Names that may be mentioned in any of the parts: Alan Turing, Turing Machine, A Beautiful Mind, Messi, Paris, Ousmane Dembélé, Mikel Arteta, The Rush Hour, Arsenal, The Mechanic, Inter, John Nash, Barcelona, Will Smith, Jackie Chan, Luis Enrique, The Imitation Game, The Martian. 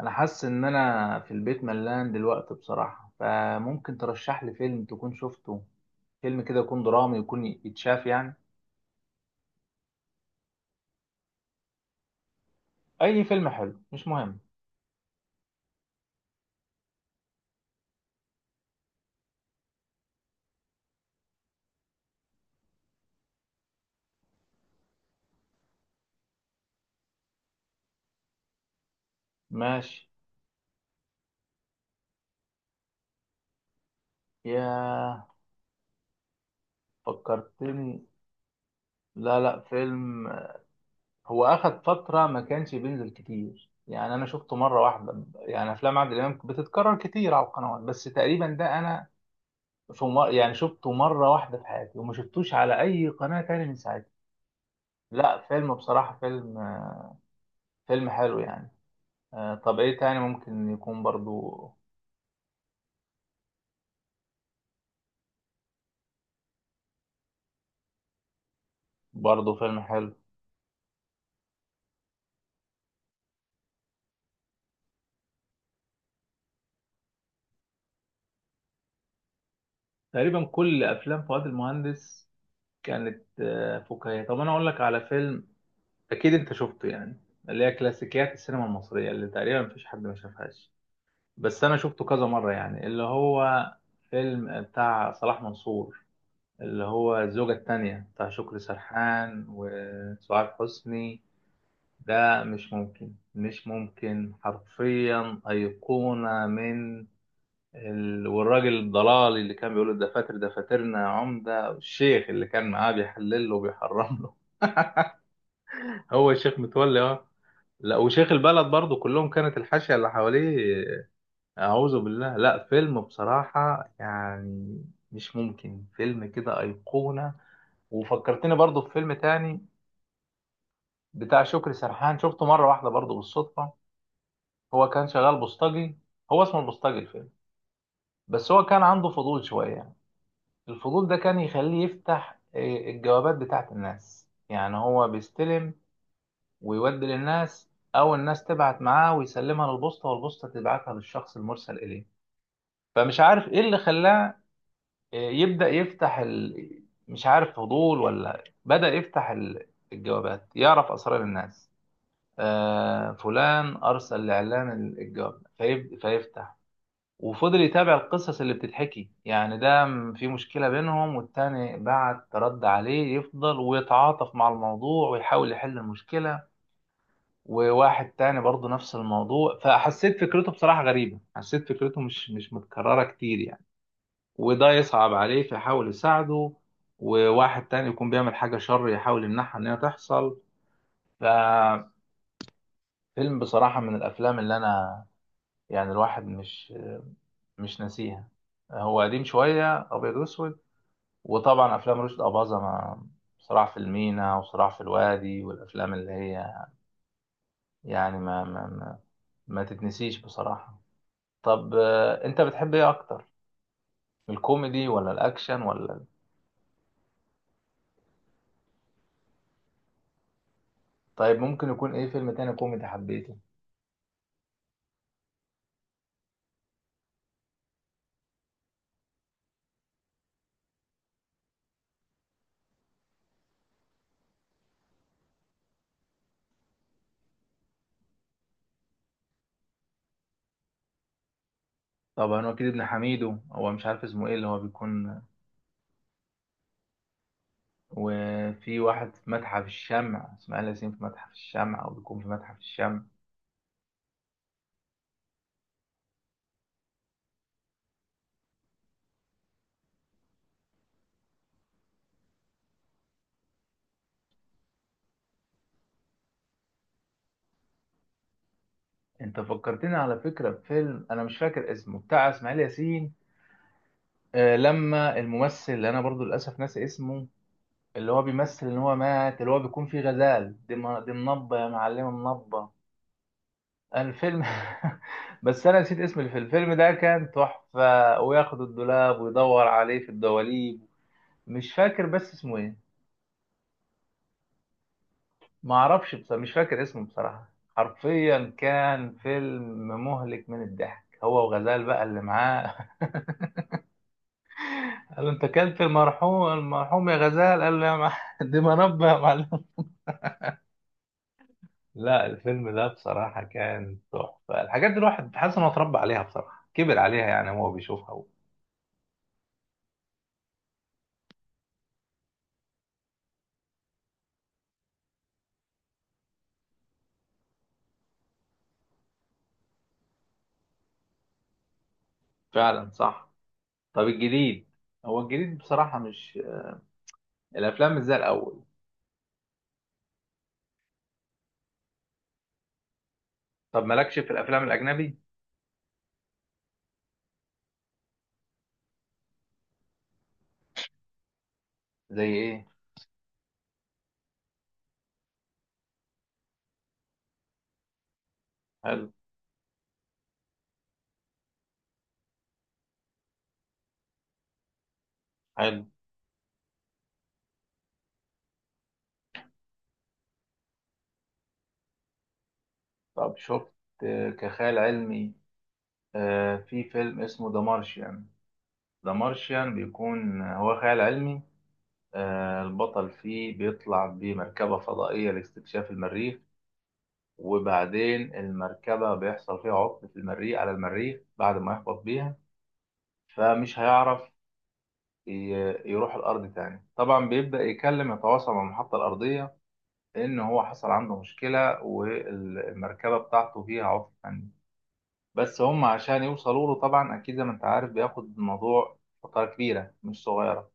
انا حاسس ان انا في البيت ملان دلوقتي بصراحة، فممكن ترشح لي فيلم تكون شفته. فيلم كده يكون درامي، يكون يتشاف يعني. اي فيلم حلو مش مهم. ماشي. يا فكرتني. لا لا فيلم. هو اخد فترة ما كانش بينزل كتير يعني، انا شفته مرة واحدة. يعني افلام عادل امام بتتكرر كتير على القنوات، بس تقريبا ده انا يعني شفته مرة واحدة في حياتي وما شفتوش على اي قناة تاني من ساعتها. لا فيلم بصراحة، فيلم فيلم حلو يعني. طب ايه تاني ممكن يكون برضو. برضو فيلم حلو. تقريبا كل افلام فؤاد المهندس كانت فكاهية. طب انا اقول لك على فيلم اكيد انت شفته يعني. اللي هي كلاسيكيات السينما المصرية اللي تقريبا مفيش حد ما شافهاش، بس انا شفته كذا مرة يعني. اللي هو فيلم بتاع صلاح منصور، اللي هو الزوجة التانية بتاع شكري سرحان وسعاد حسني. ده مش ممكن، مش ممكن، حرفيا أيقونة من والراجل الضلالي اللي كان بيقول الدفاتر دفاترنا يا عمدة، والشيخ اللي كان معاه بيحلل له وبيحرم له. هو الشيخ متولي، اه. لا وشيخ البلد برضه، كلهم كانت الحاشية اللي حواليه. أعوذ بالله. لا فيلم بصراحة يعني، مش ممكن، فيلم كده أيقونة. وفكرتني برضه في فيلم تاني بتاع شكري سرحان، شفته مرة واحدة برضه بالصدفة. هو كان شغال بوسطجي، هو اسمه البوسطجي الفيلم. بس هو كان عنده فضول شوية يعني. الفضول ده كان يخليه يفتح الجوابات بتاعت الناس. يعني هو بيستلم ويودي للناس، او الناس تبعت معاه ويسلمها للبوسطة والبوسطة تبعتها للشخص المرسل اليه. فمش عارف ايه اللي خلاه يبدأ يفتح مش عارف فضول، ولا بدأ يفتح الجوابات، يعرف اسرار الناس. آه فلان ارسل لاعلان الجواب فيفتح، وفضل يتابع القصص اللي بتتحكي. يعني ده في مشكلة بينهم والتاني بعت رد عليه، يفضل ويتعاطف مع الموضوع ويحاول يحل المشكلة. وواحد تاني برضه نفس الموضوع، فحسيت فكرته بصراحة غريبة، حسيت فكرته مش متكررة كتير يعني. وده يصعب عليه فيحاول يساعده، وواحد تاني يكون بيعمل حاجة شر يحاول يمنعها إن هي تحصل. ففيلم بصراحة من الأفلام اللي أنا يعني الواحد مش ناسيها. هو قديم شوية، أبيض وأسود. وطبعا افلام رشدي اباظة، ما صراع في المينا وصراع في الوادي والافلام اللي هي يعني ما تتنسيش بصراحة. طب، انت بتحب ايه اكتر؟ الكوميدي ولا الاكشن ولا طيب ممكن يكون ايه فيلم تاني كوميدي حبيته؟ طبعا وكيل ابن حميدو، هو مش عارف اسمه ايه اللي هو بيكون. وفي واحد في متحف الشمع، اسماعيل ياسين في متحف الشمع، او بيكون في متحف الشمع. انت فكرتني على فكرة بفيلم انا مش فاكر اسمه بتاع اسماعيل ياسين. لما الممثل اللي انا برضو للاسف ناسي اسمه، اللي هو بيمثل ان هو مات، اللي هو بيكون فيه غزال. دي دي منبه يا معلمه، منبه الفيلم. بس انا نسيت اسم الفيلم. الفيلم ده كان تحفه، وياخد الدولاب ويدور عليه في الدواليب. مش فاكر بس اسمه ايه. ما اعرفش، بس مش فاكر اسمه بصراحه. حرفيا كان فيلم مهلك من الضحك، هو وغزال بقى اللي معاه. قال له انت كلت المرحوم، المرحوم يا غزال، قال له يا مع... دي منبه يا معلم. لا الفيلم ده بصراحة كان تحفة. الحاجات دي الواحد حاسس إنه اتربى عليها بصراحة، كبر عليها يعني هو بيشوفها. فعلا صح. طب الجديد؟ هو الجديد بصراحة مش، الأفلام مش زي الأول. طب مالكش في الأفلام الأجنبي؟ زي إيه؟ حلو. حلو. طب شفت كخيال علمي، في فيلم اسمه ذا مارشيان. ذا مارشيان بيكون هو خيال علمي. البطل فيه بيطلع بمركبة فضائية لاستكشاف المريخ. وبعدين المركبة بيحصل فيها عطل في المريخ، على المريخ بعد ما يهبط بيها. فمش هيعرف يروح الأرض تاني. طبعا بيبدأ يكلم، يتواصل مع المحطة الأرضية إن هو حصل عنده مشكلة والمركبة بتاعته فيها عطل فني. بس هم عشان يوصلوا له طبعا، أكيد زي ما أنت عارف، بياخد الموضوع فترة كبيرة مش صغيرة.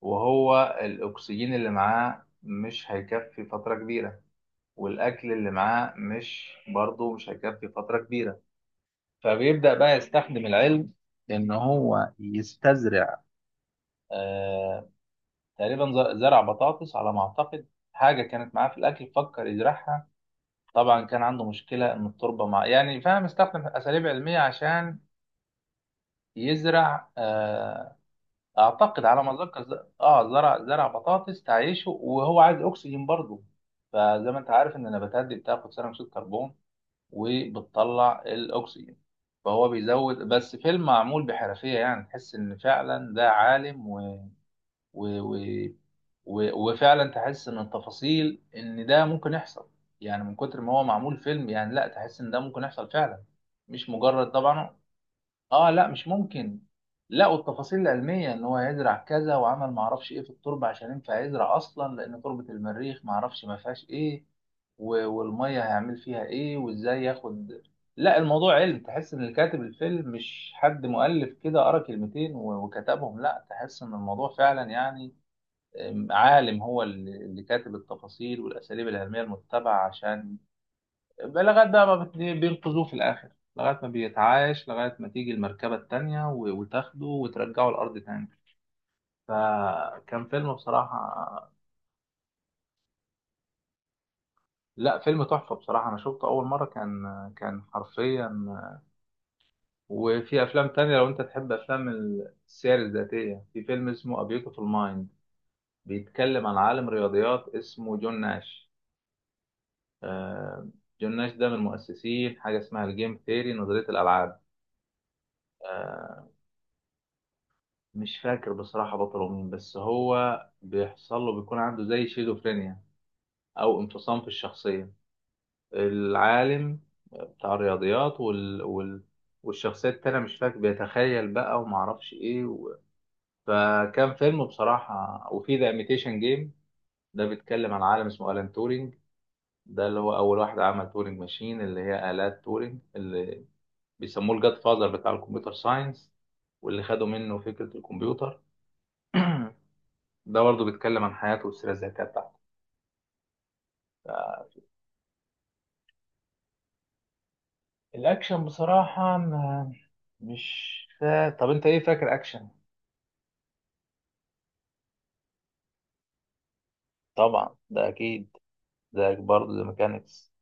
وهو الأكسجين اللي معاه مش هيكفي فترة كبيرة، والأكل اللي معاه مش برضه مش هيكفي فترة كبيرة. فبيبدأ بقى يستخدم العلم إن هو يستزرع. آه، تقريبا زرع بطاطس على ما أعتقد، حاجة كانت معاه في الأكل فكر يزرعها. طبعا كان عنده مشكلة إن التربة مع، يعني فاهم، استخدم أساليب علمية عشان يزرع. آه، أعتقد على ما أتذكر زرع زرع بطاطس تعيشه، وهو عايز أكسجين برضه. فزي ما أنت عارف إن النباتات دي بتاخد ثاني أكسيد كربون وبتطلع الاكسجين. فهو بيزود، بس فيلم معمول بحرفيه. يعني تحس ان فعلا ده عالم و... و... و وفعلا تحس ان التفاصيل ان ده ممكن يحصل. يعني من كتر ما هو معمول فيلم يعني، لا تحس ان ده ممكن يحصل فعلا، مش مجرد. طبعا. اه لا مش ممكن. لا، والتفاصيل العلميه ان هو يزرع كذا، وعمل ما اعرفش ايه في التربه عشان ينفع يزرع اصلا، لان تربه المريخ ما اعرفش ما فيهاش ايه. والميه هيعمل فيها ايه وازاي ياخد. لا الموضوع علم، تحس ان الكاتب الفيلم مش حد مؤلف كده قرا كلمتين وكتبهم. لا تحس ان الموضوع فعلا يعني عالم هو اللي كاتب التفاصيل والاساليب العلميه المتبعه عشان، لغاية بقى ما بينقذوه في الآخر، لغاية ما بيتعايش، لغاية ما تيجي المركبة التانية وتاخده وترجعه الأرض تاني. فكان فيلم بصراحة. لا فيلم تحفة بصراحة، أنا شفته أول مرة كان، كان حرفيا. وفي أفلام تانية لو أنت تحب أفلام السير الذاتية، في فيلم اسمه A Beautiful Mind، بيتكلم عن عالم رياضيات اسمه جون ناش. آه، جون ناش ده من مؤسسين حاجة اسمها الجيم ثيري، نظرية الألعاب. آه، مش فاكر بصراحة بطله مين، بس هو بيحصل له، بيكون عنده زي شيزوفرينيا أو انفصام في الشخصية. العالم بتاع الرياضيات والشخصية التانية مش فاكر، بيتخيل بقى ومعرفش إيه و... فكان فيلم بصراحة. وفي ذا إيميتيشن جيم، ده بيتكلم عن عالم اسمه ألان تورينج. ده اللي هو أول واحد عمل تورينج ماشين، اللي هي آلات تورينج، اللي بيسموه الجاد فاذر بتاع الكمبيوتر ساينس، واللي خدوا منه فكرة الكمبيوتر. ده برضه بيتكلم عن حياته والسيرة الذاتية بتاعته. الأكشن بصراحة ما- مش فا... طب أنت إيه فاكر أكشن؟ طبعا ده أكيد، ده برضه ذا ميكانيكس.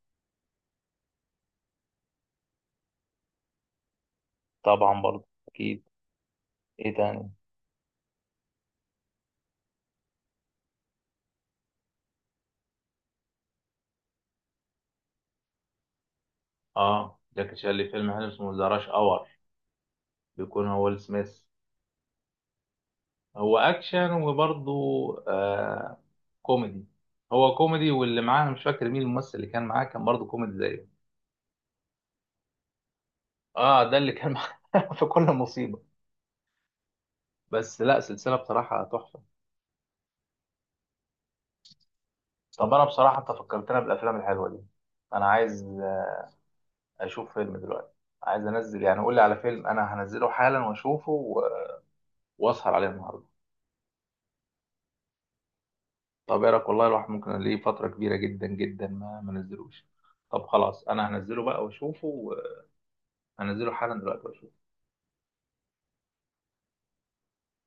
طبعا برضه أكيد. إيه تاني؟ آه جاكي شان ليه فيلم حلو اسمه ذا راش أور. بيكون هو ويل سميث، هو أكشن وبرضه آه كوميدي. هو كوميدي، واللي معاه أنا مش فاكر مين الممثل اللي كان معاه، كان برضه كوميدي زيه. آه ده اللي كان معاه في كل مصيبة. بس لا سلسلة بصراحة تحفة. طب انا بصراحه، انت فكرتنا بالافلام الحلوه دي. انا عايز اشوف فيلم دلوقتي، عايز انزل يعني. قول لي على فيلم انا هنزله حالا واشوفه واسهر عليه النهارده. طب ايه رايك؟ والله الواحد ممكن ليه فتره كبيره جدا جدا ما نزلوش. طب خلاص انا هنزله بقى واشوفه هنزله حالا دلوقتي واشوفه.